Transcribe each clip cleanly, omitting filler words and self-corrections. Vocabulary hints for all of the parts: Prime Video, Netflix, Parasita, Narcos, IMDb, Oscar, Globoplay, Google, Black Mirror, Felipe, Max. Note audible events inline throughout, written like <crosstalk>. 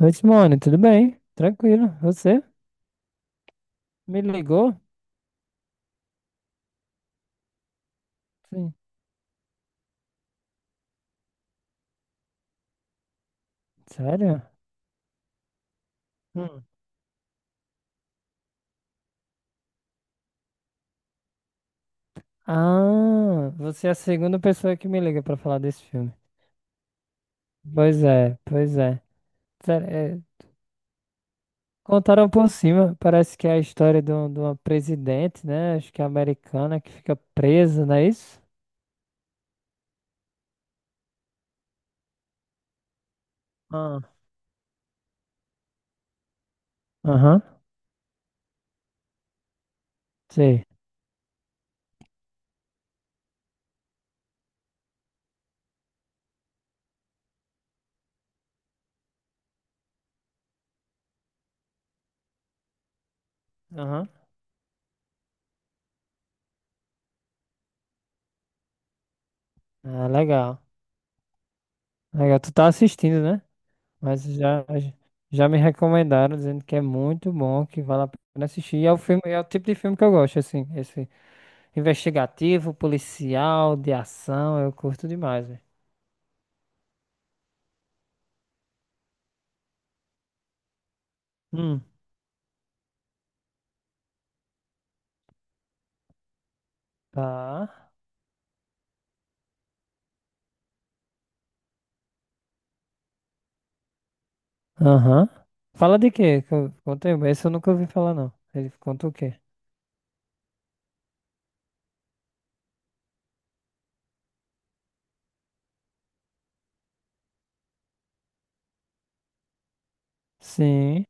Oi, Simone, tudo bem? Tranquilo. Você me ligou? Sim. Sério? Hum. Ah, você é a segunda pessoa que me liga pra falar desse filme. Pois é, pois é. Sério, contaram por cima, parece que é a história de, de uma presidente, né? Acho que é americana que fica presa, não é isso? Ah. Aham, sei. Aham. Ah, legal. Legal, tu tá assistindo, né? Mas já me recomendaram, dizendo que é muito bom, que vale a pena assistir. E é o filme, é o tipo de filme que eu gosto, assim, esse investigativo, policial, de ação, eu curto demais, velho. Hum, tá. Aham. Fala de quê? Conta aí. Esse eu nunca ouvi falar, não. Ele conta o quê? Sim.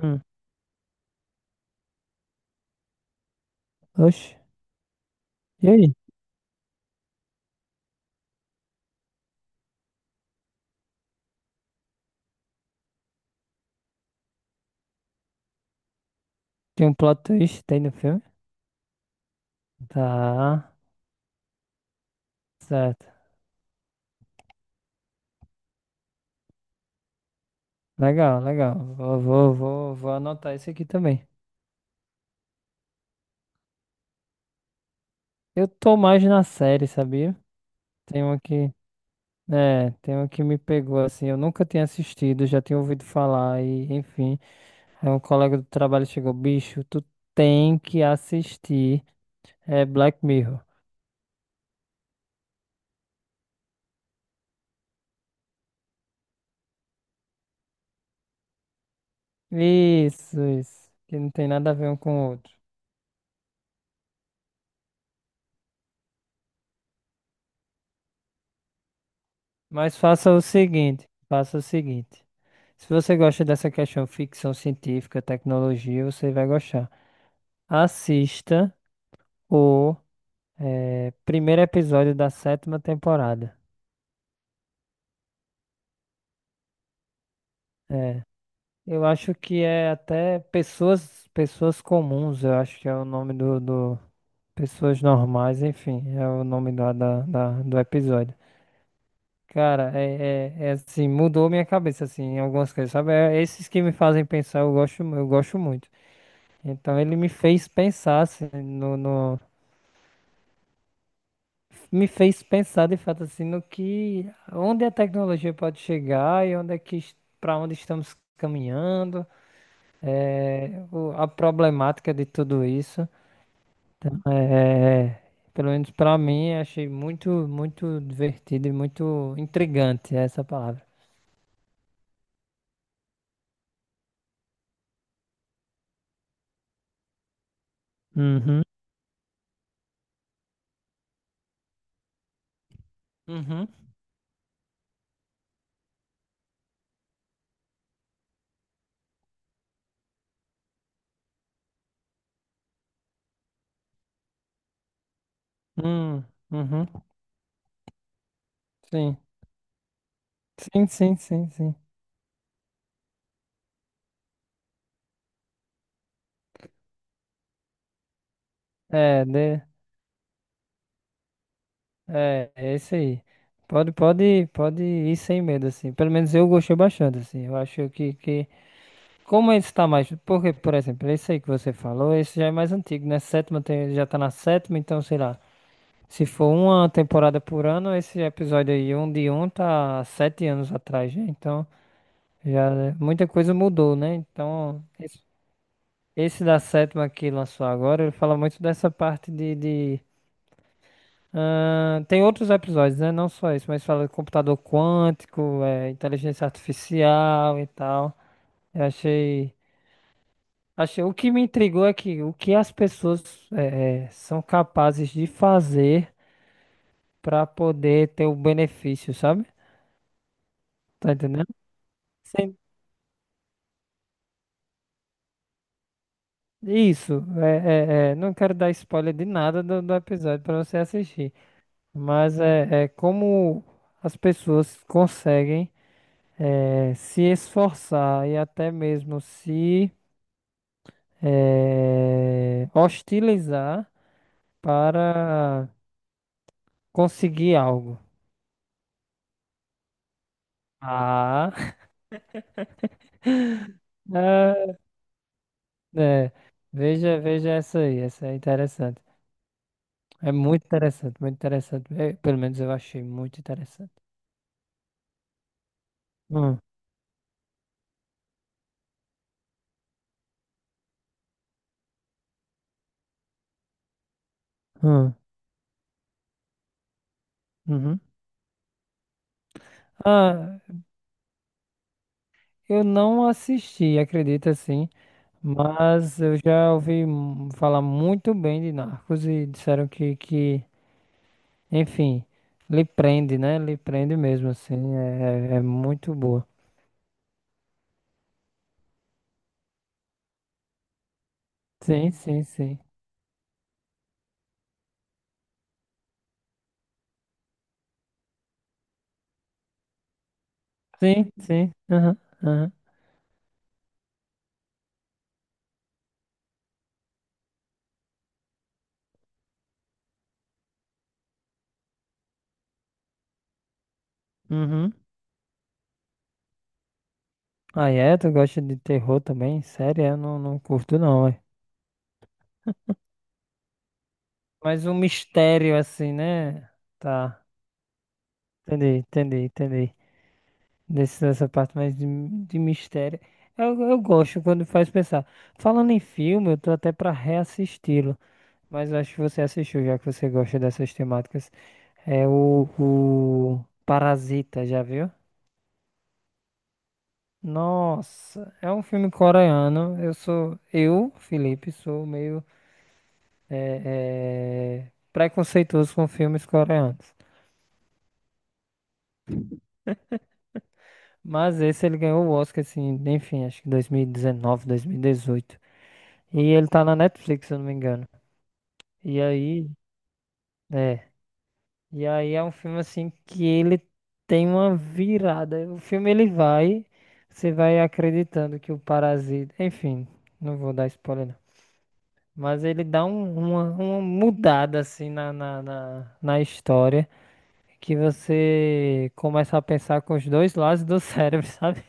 Hum. Oxe. E aí? Tem um plot twist, tem no filme? Tá. Certo. Legal, legal. Vou anotar esse aqui também. Eu tô mais na série, sabia? Tem uma que, tem uma que me pegou assim, eu nunca tinha assistido, já tinha ouvido falar e, enfim, aí um colega do trabalho chegou, bicho, tu tem que assistir, é Black Mirror. Isso, que não tem nada a ver um com o outro. Mas faça o seguinte, faça o seguinte. Se você gosta dessa questão ficção científica, tecnologia, você vai gostar. Assista o primeiro episódio da sétima temporada. É, eu acho que é até pessoas, pessoas comuns, eu acho que é o nome do pessoas normais, enfim, é o nome do episódio. Cara, é assim, mudou minha cabeça, assim, em algumas coisas, sabe? É, esses que me fazem pensar, eu gosto muito. Então ele me fez pensar, assim, me fez pensar de fato, assim, no que, onde a tecnologia pode chegar e onde é que, para onde estamos caminhando. É, a problemática de tudo isso, então, pelo menos pra mim, achei muito, muito divertido e muito intrigante essa palavra. Uhum, uhum, hum, uhum, sim, sim, sim, sim, sim. É, de, é isso aí. Pode, pode, pode ir sem medo, assim. Pelo menos eu gostei bastante, assim. Eu acho que... Como esse tá mais... Porque, por exemplo, esse aí que você falou, esse já é mais antigo, né? Sétima já tá na sétima, então, sei lá. Se for uma temporada por ano, esse episódio aí, um de um, tá 7 anos atrás, né? Então, já muita coisa mudou, né? Então, esse da sétima que lançou agora, ele fala muito dessa parte tem outros episódios, né? Não só isso, mas fala de computador quântico, é, inteligência artificial e tal. Eu achei, achei. O que me intrigou é que o que as pessoas são capazes de fazer para poder ter o benefício, sabe? Tá entendendo? Sem- Isso, não quero dar spoiler de nada do, do episódio para você assistir, mas é como as pessoas conseguem se esforçar e até mesmo se hostilizar para conseguir algo. Ah, <laughs> ah, é, veja, veja essa aí, essa é interessante. É muito interessante, muito interessante. É, pelo menos eu achei muito interessante. Hum, hum. Uhum. Ah, eu não assisti, acredita assim, mas eu já ouvi falar muito bem de Narcos e disseram enfim, lhe prende, né? Lhe prende mesmo, assim, é muito boa. Sim, sim, sim. Sim, sim. Aham, aham. Uhum. Ah, é? Tu gosta de terror também? Sério? Eu não, não curto não, ué. Mas um mistério assim, né? Tá, entendi, entendi, entendi. Dessa parte mais de mistério. Eu gosto quando faz pensar. Falando em filme, eu tô até pra reassisti-lo. Mas eu acho que você assistiu, já que você gosta dessas temáticas. É o Parasita, já viu? Nossa, é um filme coreano. Eu sou. Eu, Felipe, sou meio preconceituoso com filmes coreanos. Mas esse ele ganhou o Oscar, assim, enfim, acho que 2019, 2018. E dezenove, 2018. E ele tá na Netflix, se eu não me engano. E aí, é. E aí é um filme assim que ele tem uma virada. O filme ele vai, você vai acreditando que o parasita, enfim, não vou dar spoiler não. Mas ele dá uma mudada assim na história que você começa a pensar com os dois lados do cérebro, <laughs> sabe?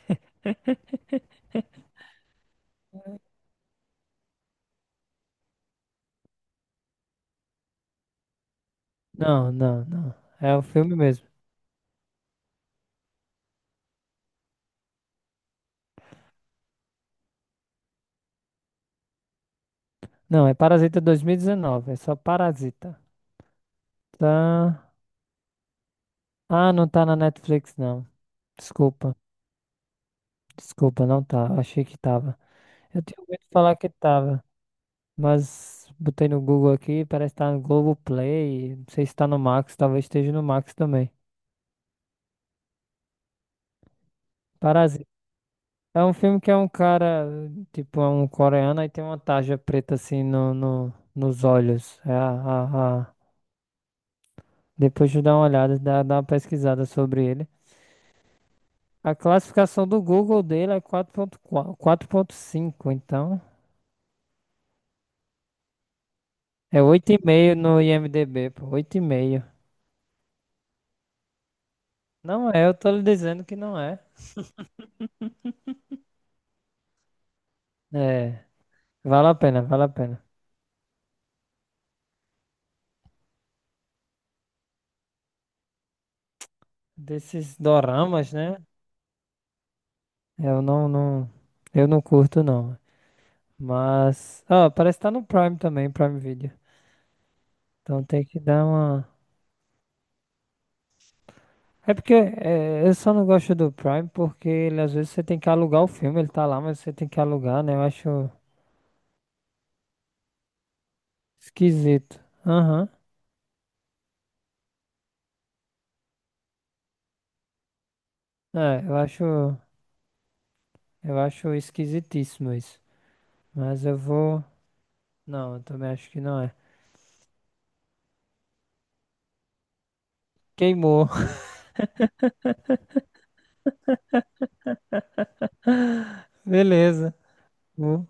Não, não, não. É o filme mesmo. Não, é Parasita 2019, é só Parasita. Tá. Ah, não tá na Netflix não. Desculpa. Desculpa, não tá. Achei que tava. Eu tinha ouvido falar que tava, mas botei no Google aqui, parece que tá no Globoplay. Não sei se tá no Max, talvez esteja no Max também. Parasita. É um filme que é um cara, tipo, é um coreano e tem uma tarja preta assim nos olhos. Depois de dar uma olhada, dá uma pesquisada sobre ele. A classificação do Google dele é quatro ponto ponto cinco então. É 8,5 no IMDb, pô, 8,5. Não é, eu tô lhe dizendo que não é. É, vale a pena, vale a pena. Desses doramas, né? Eu não, não, eu não curto não. Mas, ah, parece que tá no Prime também, Prime Video. Então tem que dar uma. É porque eu só não gosto do Prime porque ele, às vezes você tem que alugar o filme, ele tá lá, mas você tem que alugar, né? Eu acho esquisito. Aham. É, eu acho esquisitíssimo isso. Mas eu vou. Não, eu também acho que não é. Queimou. Beleza. Hum,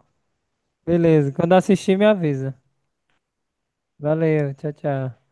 Beleza. Quando assistir, me avisa. Valeu. Tchau, tchau.